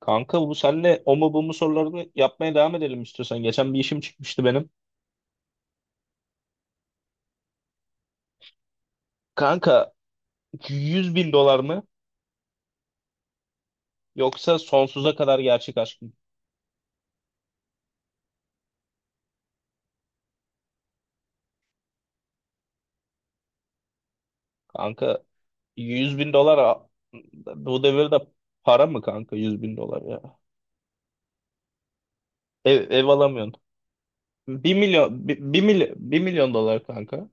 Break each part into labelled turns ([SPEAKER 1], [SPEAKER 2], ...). [SPEAKER 1] Kanka bu senle o mu bu mu sorularını yapmaya devam edelim istiyorsan. Geçen bir işim çıkmıştı benim. Kanka 100 bin dolar mı yoksa sonsuza kadar gerçek aşk mı? Kanka 100 bin dolar bu devirde para mı kanka 100 bin dolar ya? Ev alamıyorsun. 1 milyon dolar kanka.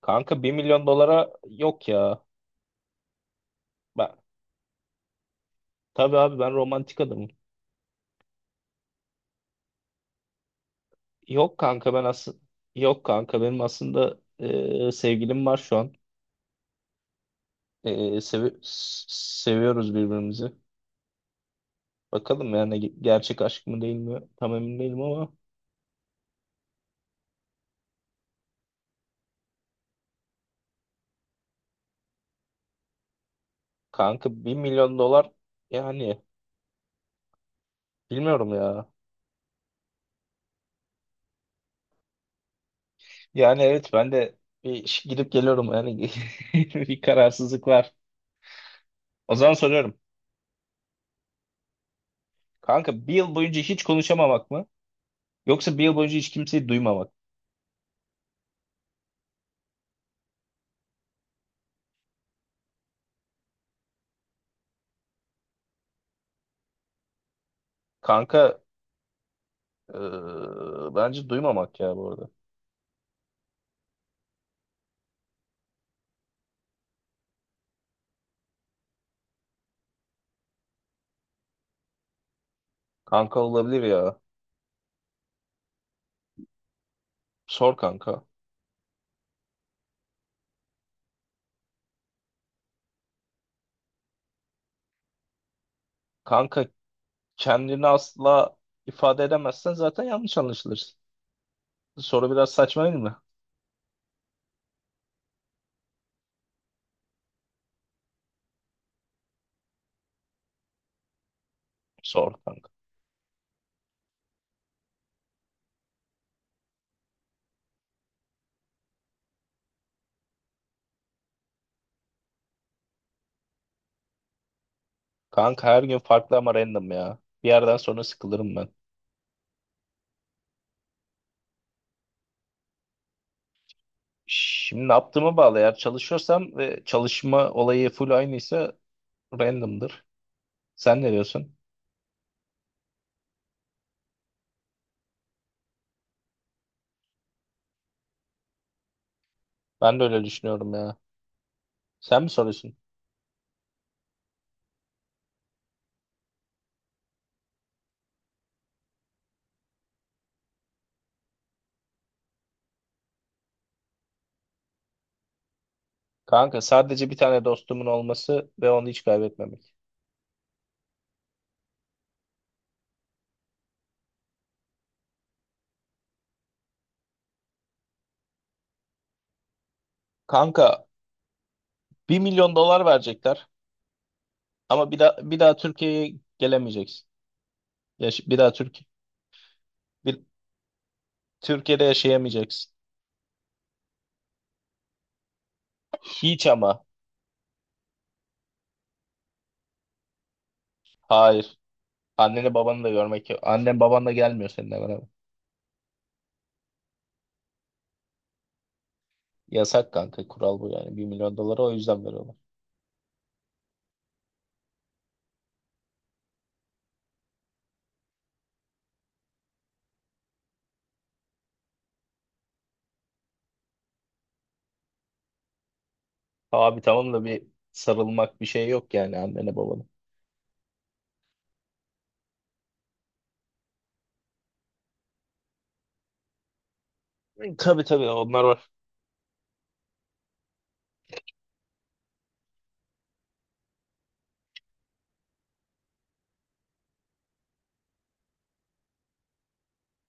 [SPEAKER 1] Kanka 1 milyon dolara yok ya. Ben, tabii abi ben romantik adamım. Yok kanka ben aslında yok kanka benim aslında sevgilim var şu an. Seviyoruz birbirimizi. Bakalım yani gerçek aşk mı değil mi? Tam emin değilim ama kanka 1 milyon dolar yani bilmiyorum ya. Yani evet ben de gidip geliyorum yani bir kararsızlık var. O zaman soruyorum. Kanka bir yıl boyunca hiç konuşamamak mı? Yoksa bir yıl boyunca hiç kimseyi duymamak? Kanka eee, bence duymamak ya bu arada. Kanka olabilir ya. Sor kanka. Kanka kendini asla ifade edemezsen zaten yanlış anlaşılırsın. Soru biraz saçma değil mi? Sor kanka. Kanka her gün farklı ama random ya. Bir yerden sonra sıkılırım ben. Şimdi ne yaptığıma bağlı. Eğer çalışıyorsam ve çalışma olayı full aynıysa random'dır. Sen ne diyorsun? Ben de öyle düşünüyorum ya. Sen mi soruyorsun? Kanka sadece bir tane dostumun olması ve onu hiç kaybetmemek. Kanka 1 milyon dolar verecekler ama bir daha Türkiye'ye gelemeyeceksin. Ya, bir daha Türkiye. Türkiye'de yaşayamayacaksın. Hiç ama. Hayır. Anneni babanı da görmek yok. Annen baban da gelmiyor seninle beraber. Yasak kanka, kural bu yani. 1 milyon doları o yüzden veriyorlar. Abi tamam da bir sarılmak bir şey yok yani annene babana. Tabii tabii onlar var.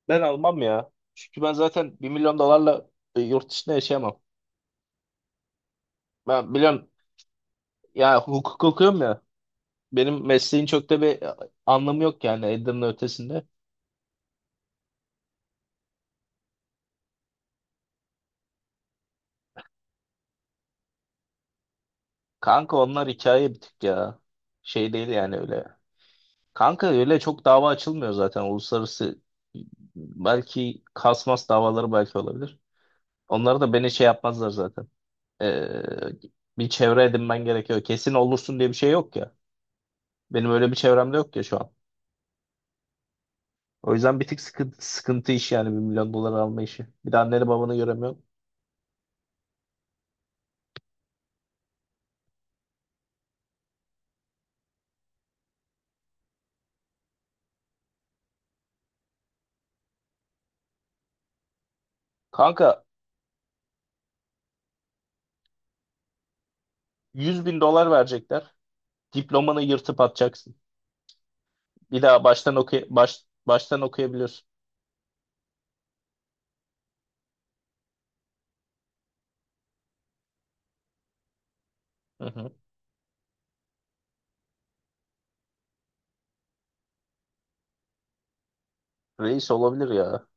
[SPEAKER 1] Ben almam ya. Çünkü ben zaten 1 milyon dolarla yurt dışında yaşayamam. Ben biliyorum ya, hukuk okuyorum ya. Benim mesleğin çok da bir anlamı yok yani Edirne ötesinde. Kanka onlar hikaye bir tık ya. Şey değil yani öyle. Kanka öyle çok dava açılmıyor zaten uluslararası, belki kasmas davaları belki olabilir. Onları da beni şey yapmazlar zaten. Ee, Bir çevre edinmen gerekiyor. Kesin olursun diye bir şey yok ya. Benim öyle bir çevremde yok ya şu an. O yüzden bir tık sıkıntı iş yani 1 milyon dolar alma işi. Bir de anneni babanı göremiyorsun. Kanka 100 bin dolar verecekler. Diplomanı yırtıp atacaksın. Bir daha baştan baştan okuyabiliyorsun. Hı hı. Reis olabilir ya.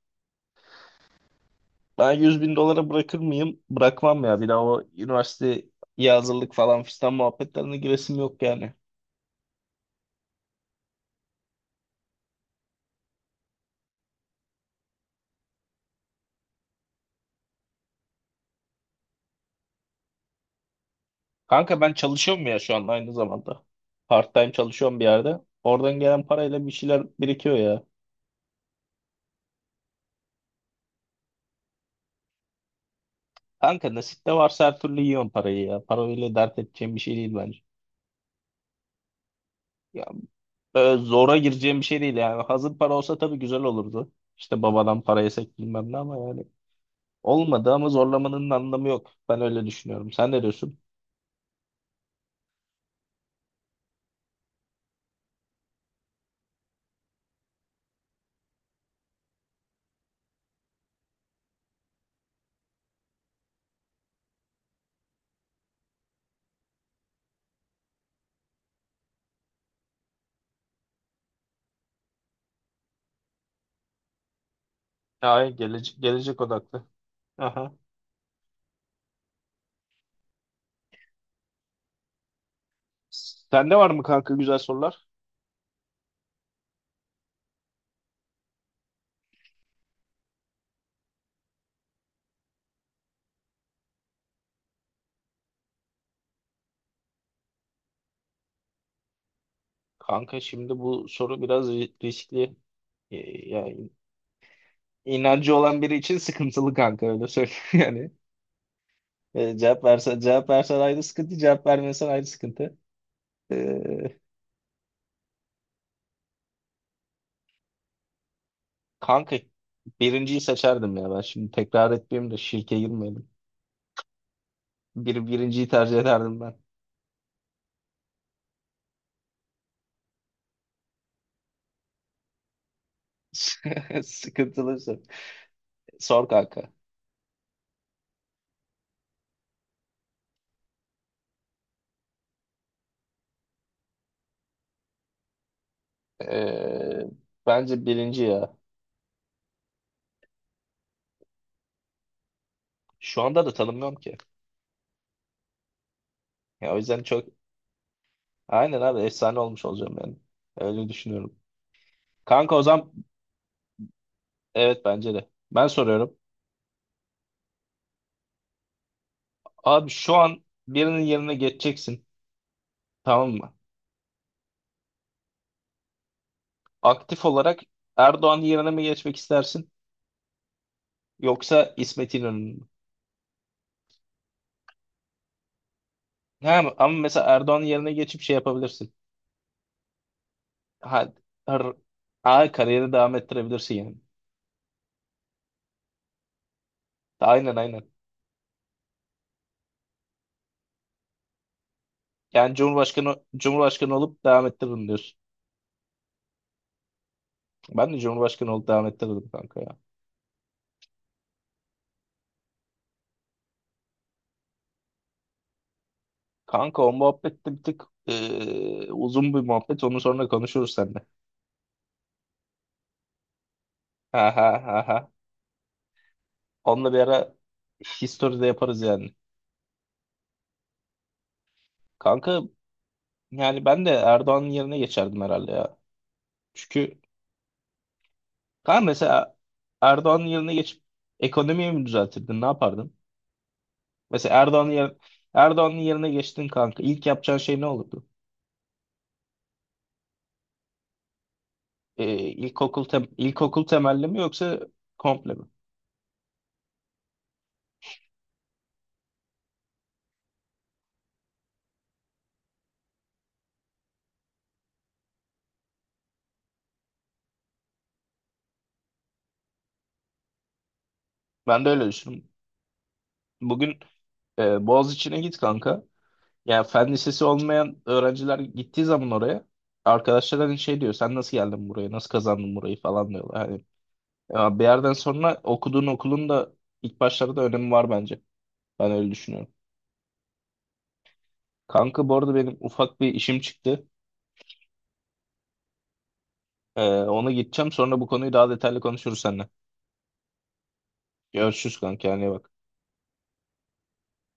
[SPEAKER 1] Ben 100 bin dolara bırakır mıyım? Bırakmam ya. Bir daha o üniversiteye hazırlık falan fistan muhabbetlerine giresim yok yani. Kanka ben çalışıyorum ya şu an aynı zamanda. Part time çalışıyorum bir yerde. Oradan gelen parayla bir şeyler birikiyor ya. Kanka nasipte varsa her türlü yiyorum parayı ya. Parayla dert edeceğim bir şey değil bence. Ya böyle zora gireceğim bir şey değil yani. Hazır para olsa tabii güzel olurdu. İşte babadan para yesek bilmem ne ama yani. Olmadı ama zorlamanın anlamı yok. Ben öyle düşünüyorum. Sen ne diyorsun? Hayır, gelecek odaklı. Aha. Sende var mı kanka güzel sorular? Kanka şimdi bu soru biraz riskli. Ee, Yani inancı olan biri için sıkıntılı kanka, öyle söyleyeyim yani. Cevap versen ayrı sıkıntı, cevap vermesen ayrı sıkıntı. Ee, Kanka birinciyi seçerdim ya ben. Şimdi tekrar etmeyeyim de şirke girmeyelim. Birinciyi tercih ederdim ben. Sıkıntılı soru. Sor kanka. Ee, Bence birinci ya. Şu anda da tanımıyorum ki. Ya o yüzden çok. Aynen abi, efsane olmuş olacağım yani. Öyle düşünüyorum. Kanka o zaman evet bence de. Ben soruyorum. Abi şu an birinin yerine geçeceksin. Tamam mı? Aktif olarak Erdoğan yerine mi geçmek istersin? Yoksa İsmet İnönü mü? Ha, ama mesela Erdoğan'ın yerine geçip şey yapabilirsin. Ha, r- ha, kariyeri devam ettirebilirsin yani. Aynen aynen. Yani Cumhurbaşkanı olup devam ettiririm diyorsun. Ben de Cumhurbaşkanı olup devam ettirirdim kanka ya. Kanka o muhabbet de bir tık uzun bir muhabbet. Onu sonra konuşuruz seninle. Ha ha ha ha. Onunla bir ara history de yaparız yani. Kanka yani ben de Erdoğan'ın yerine geçerdim herhalde ya. Çünkü kanka mesela Erdoğan'ın yerine geçip ekonomiyi mi düzeltirdin? Ne yapardın? Mesela Erdoğan'ın yer, Erdoğan'ın yerine geçtin kanka. İlk yapacağın şey ne olurdu? İlkokul temelli mi yoksa komple mi? Ben de öyle düşünüyorum. Bugün Boğaziçi'ne git kanka. Ya, fen lisesi olmayan öğrenciler gittiği zaman oraya, arkadaşlar hani şey diyor, sen nasıl geldin buraya, nasıl kazandın burayı falan diyorlar. Hani ya, bir yerden sonra okuduğun okulun da ilk başlarda önemi var bence. Ben öyle düşünüyorum. Kanka bu arada benim ufak bir işim çıktı. Ona gideceğim, sonra bu konuyu daha detaylı konuşuruz seninle. Görüşürüz kanka, kendine iyi bak.